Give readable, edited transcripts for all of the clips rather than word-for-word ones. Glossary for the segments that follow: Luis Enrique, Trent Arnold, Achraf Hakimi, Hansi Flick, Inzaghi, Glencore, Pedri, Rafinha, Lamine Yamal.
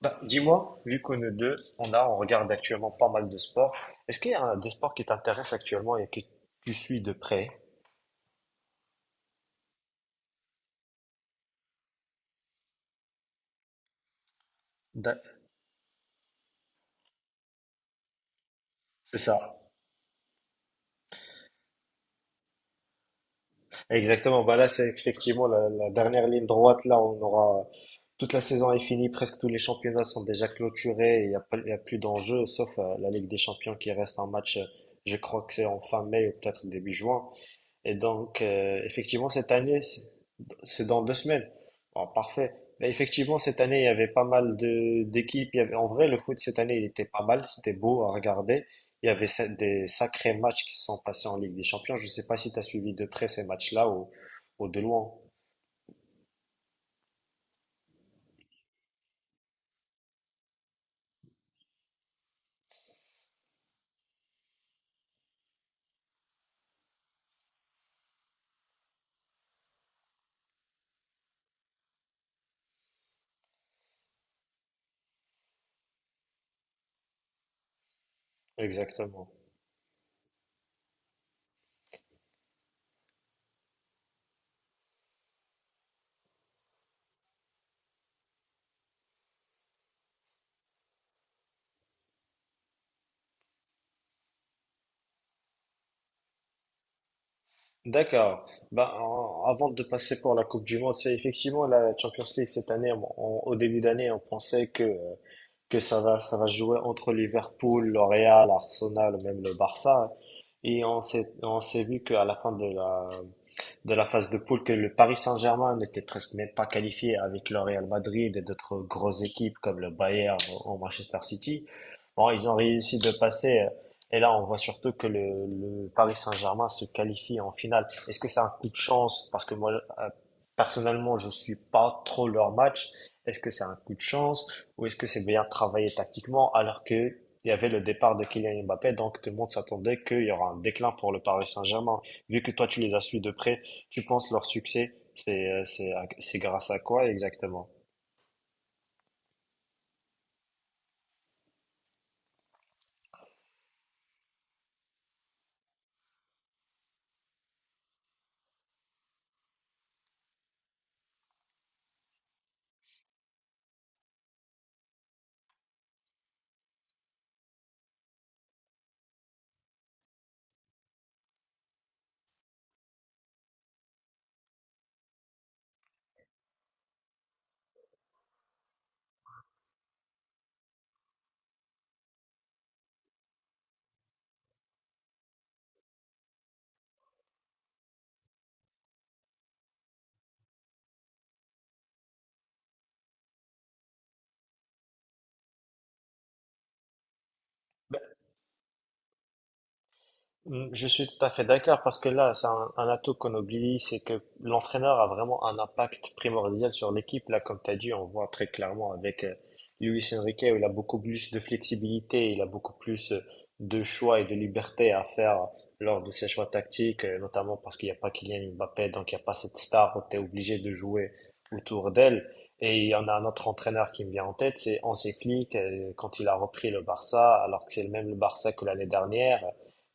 Bah, dis-moi, vu que nous deux, on regarde actuellement pas mal de sports, est-ce qu'il y a un des sports qui t'intéresse actuellement et que tu suis de près? Da- C'est ça. Exactement. Bah là, c'est effectivement la dernière ligne droite. Là, on aura toute la saison est finie, presque tous les championnats sont déjà clôturés. Il n'y a, pas- Il y a plus d'enjeux, sauf la Ligue des Champions qui reste un match. Je crois que c'est en fin mai ou peut-être début juin. Et donc, effectivement, cette année, c'est dans deux semaines. Bon, parfait. Mais effectivement, cette année, il y avait pas mal de d'équipes. Il y avait, en vrai, le foot cette année, il était pas mal. C'était beau à regarder. Il y avait des sacrés matchs qui se sont passés en Ligue des Champions. Je ne sais pas si tu as suivi de près ces matchs-là, ou de loin. Exactement. D'accord. Avant de passer pour la Coupe du Monde, c'est effectivement la Champions League cette année. Au début d'année, on pensait que ça va jouer entre Liverpool, le Real, Arsenal, ou même le Barça. Et on s'est vu qu'à la fin de de la phase de poule, que le Paris Saint-Germain n'était presque même pas qualifié avec le Real Madrid et d'autres grosses équipes comme le Bayern ou Manchester City. Bon, ils ont réussi de passer et là, on voit surtout que le Paris Saint-Germain se qualifie en finale. Est-ce que c'est un coup de chance? Parce que moi, personnellement, je suis pas trop leur match. Est-ce que c'est un coup de chance ou est-ce que c'est bien travaillé tactiquement alors que il y avait le départ de Kylian Mbappé, donc tout le monde s'attendait qu'il y aura un déclin pour le Paris Saint-Germain. Vu que toi, tu les as suivis de près, tu penses leur succès, c'est grâce à quoi exactement? Mm, je suis tout à fait d'accord parce que là, c'est un atout qu'on oublie, c'est que l'entraîneur a vraiment un impact primordial sur l'équipe. Là, comme tu as dit, on voit très clairement avec Luis Enrique où il a beaucoup plus de flexibilité, il a beaucoup plus de choix et de liberté à faire lors de ses choix tactiques, notamment parce qu'il n'y a pas Kylian Mbappé, donc il n'y a pas cette star où tu es obligé de jouer autour d'elle. Et il y en a un autre entraîneur qui me vient en tête, c'est Hansi Flick, quand il a repris le Barça, alors que c'est le même le Barça que l'année dernière.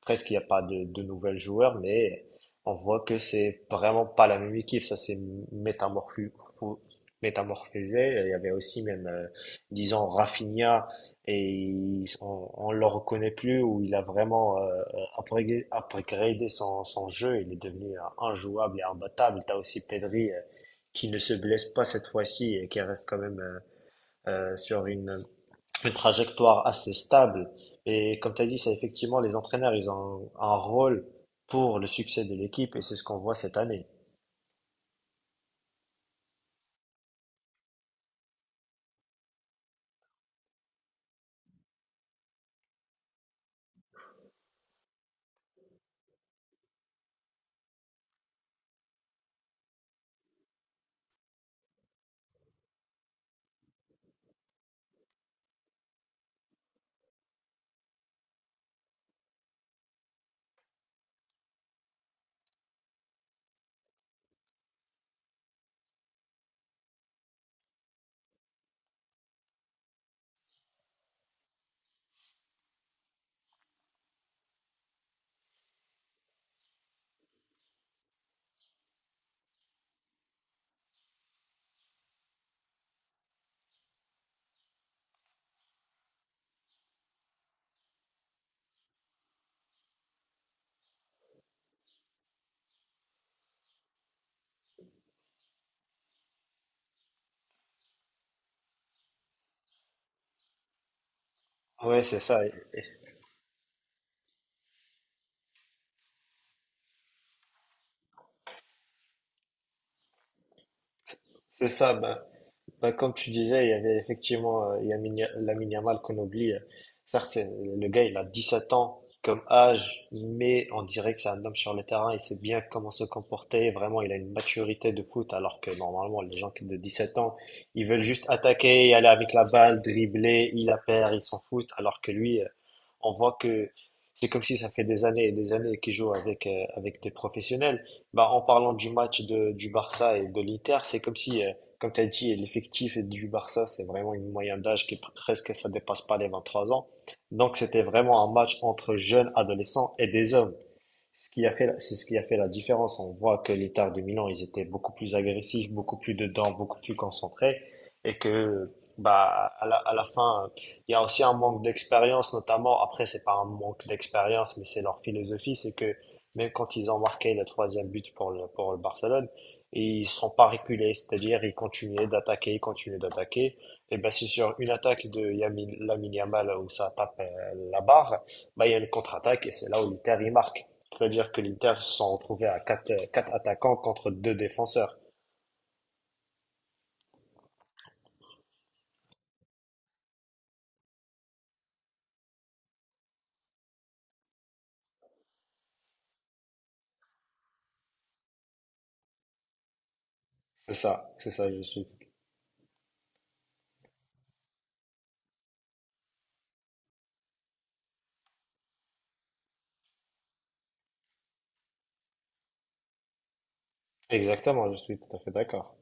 Presque, il n'y a pas de nouvelles joueurs, mais on voit que c'est vraiment pas la même équipe. Ça s'est métamorpho- fo- métamorphosé. Il y avait aussi même, disons, Rafinha, on, le reconnaît plus, où il a vraiment upgradé son jeu. Il est devenu injouable et imbattable. Tu as aussi Pedri, qui ne se blesse pas cette fois-ci et qui reste quand même sur une trajectoire assez stable. Et comme tu as dit, c'est effectivement les entraîneurs, ils ont un rôle pour le succès de l'équipe et c'est ce qu'on voit cette année. Ouais, c'est ça. C'est ça. Bah, comme tu disais, il y avait effectivement Lamine Yamal qu'on oublie. Certes, le gars, il a 17 ans comme âge, mais on dirait que c'est un homme sur le terrain. Il sait bien comment se comporter. Vraiment, il a une maturité de foot, alors que normalement, de sept ans, ils veulent juste attaquer, aller avec la balle, dribbler, il la perd, ils s'en foutent. Alors que lui, on voit que c'est comme si ça fait des années et des années qu'il joue avec, avec des professionnels. Bah, en parlant du match du Barça et de l'Inter, c'est comme si... comme tu as dit, l'effectif du Barça, c'est vraiment une moyenne d'âge qui est presque, ça dépasse pas les 23 ans. Donc, c'était vraiment un match entre jeunes adolescents et des hommes, ce qui a fait, c'est ce qui a fait la différence. On voit que l'État de Milan, ils étaient beaucoup plus agressifs, beaucoup plus dedans, beaucoup plus concentrés, et que bah à à la fin, il y a aussi un manque d'expérience, notamment. Après, c'est pas un manque d'expérience, mais c'est leur philosophie, c'est que même quand ils ont marqué le troisième but pour le Barcelone, ils sont pas reculés, c'est-à-dire ils continuaient d'attaquer, ils continuaient d'attaquer. Et ben c'est sur une attaque de Lamine Yamal où ça tape la barre, bah il y a une contre-attaque et c'est là où l'Inter il marque. C'est-à-dire que l'Inter se sont retrouvés à quatre attaquants contre deux défenseurs. Je suis. Exactement, je suis tout à fait d'accord.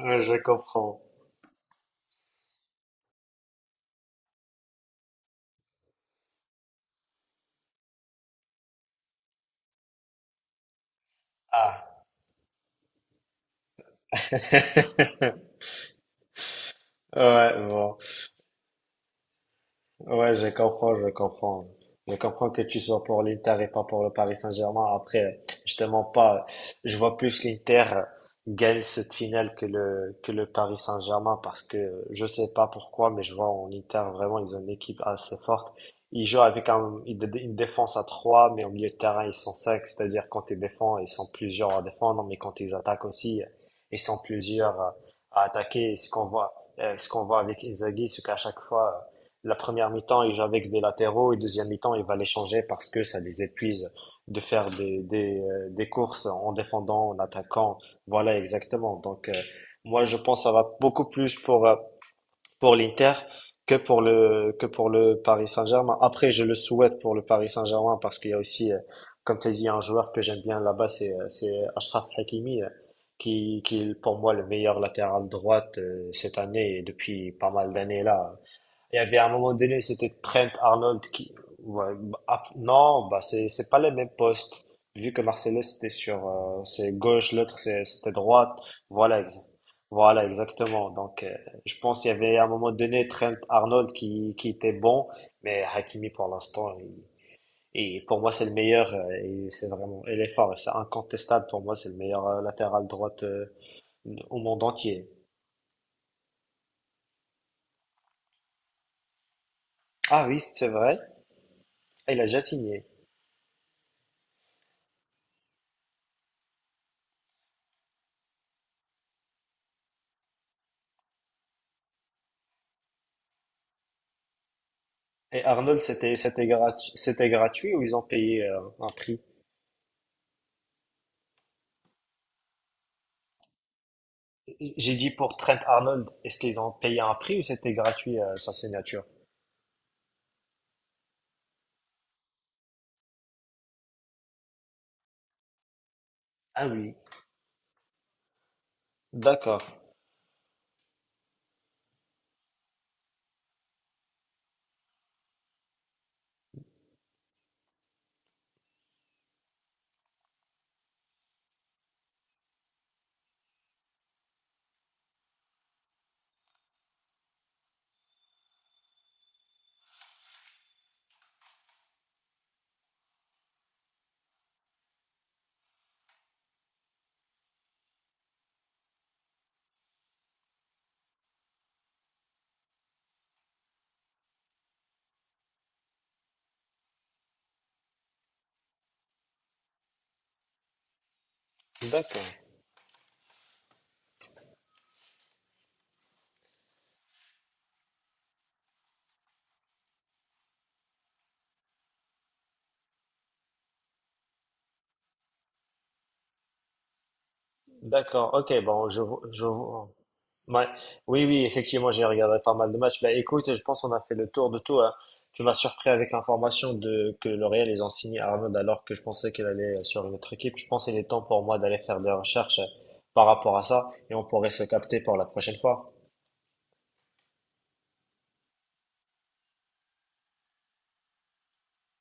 Ouais, je comprends. Ah. Ouais, bon. Ouais, je comprends. Je comprends que tu sois pour l'Inter et pas pour le Paris Saint-Germain. Après, justement pas. Je vois plus l'Inter gagne cette finale que que le Paris Saint-Germain parce que je sais pas pourquoi, mais je vois en Inter vraiment, ils ont une équipe assez forte. Ils jouent avec une défense à 3, mais au milieu de terrain, ils sont 5. C'est-à-dire, quand ils défendent, ils sont plusieurs à défendre, mais quand ils attaquent aussi, ils sont plusieurs à attaquer. Et ce qu'on voit avec Inzaghi, c'est qu'à chaque fois, la première mi-temps, ils jouent avec des latéraux et deuxième mi-temps, il va les changer parce que ça les épuise de faire des courses en défendant, en attaquant. Voilà, exactement. Donc, moi, je pense que ça va beaucoup plus pour l'Inter que pour que pour le Paris Saint-Germain. Après, je le souhaite pour le Paris Saint-Germain parce qu'il y a aussi, comme tu as dit, un joueur que j'aime bien là-bas, c'est Achraf Hakimi, qui est pour moi le meilleur latéral droite cette année et depuis pas mal d'années là. Il y avait à un moment donné, c'était Trent Arnold qui. Ouais, bah, ah, non, bah c'est pas les mêmes postes. Vu que Marcelo c'était sur c'est gauche, c'était droite. Voilà, ex- voilà exactement. Donc je pense qu'il y avait à un moment donné Trent Arnold qui était bon, mais Hakimi pour l'instant et pour moi c'est le meilleur et c'est vraiment il est fort, c'est incontestable, pour moi c'est le meilleur latéral droite au monde entier. Ah oui, c'est vrai. Ah, il a déjà signé. Et Arnold, c'était gratuit ou ils ont payé un prix? J'ai dit pour Trent Arnold, est-ce qu'ils ont payé un prix ou c'était gratuit sa signature? Ah oui. D'accord, d'accord, d'accord. Ok, bon, je vois. Ouais. Oui, oui, effectivement, j'ai regardé pas mal de matchs. Bah, écoute, je pense qu'on a fait le tour de tout, hein. Tu m'as surpris avec l'information de que le Real ils ont signé Arnold alors que je pensais qu'elle allait sur une autre équipe. Je pense qu'il est temps pour moi d'aller faire des recherches par rapport à ça et on pourrait se capter pour la prochaine fois.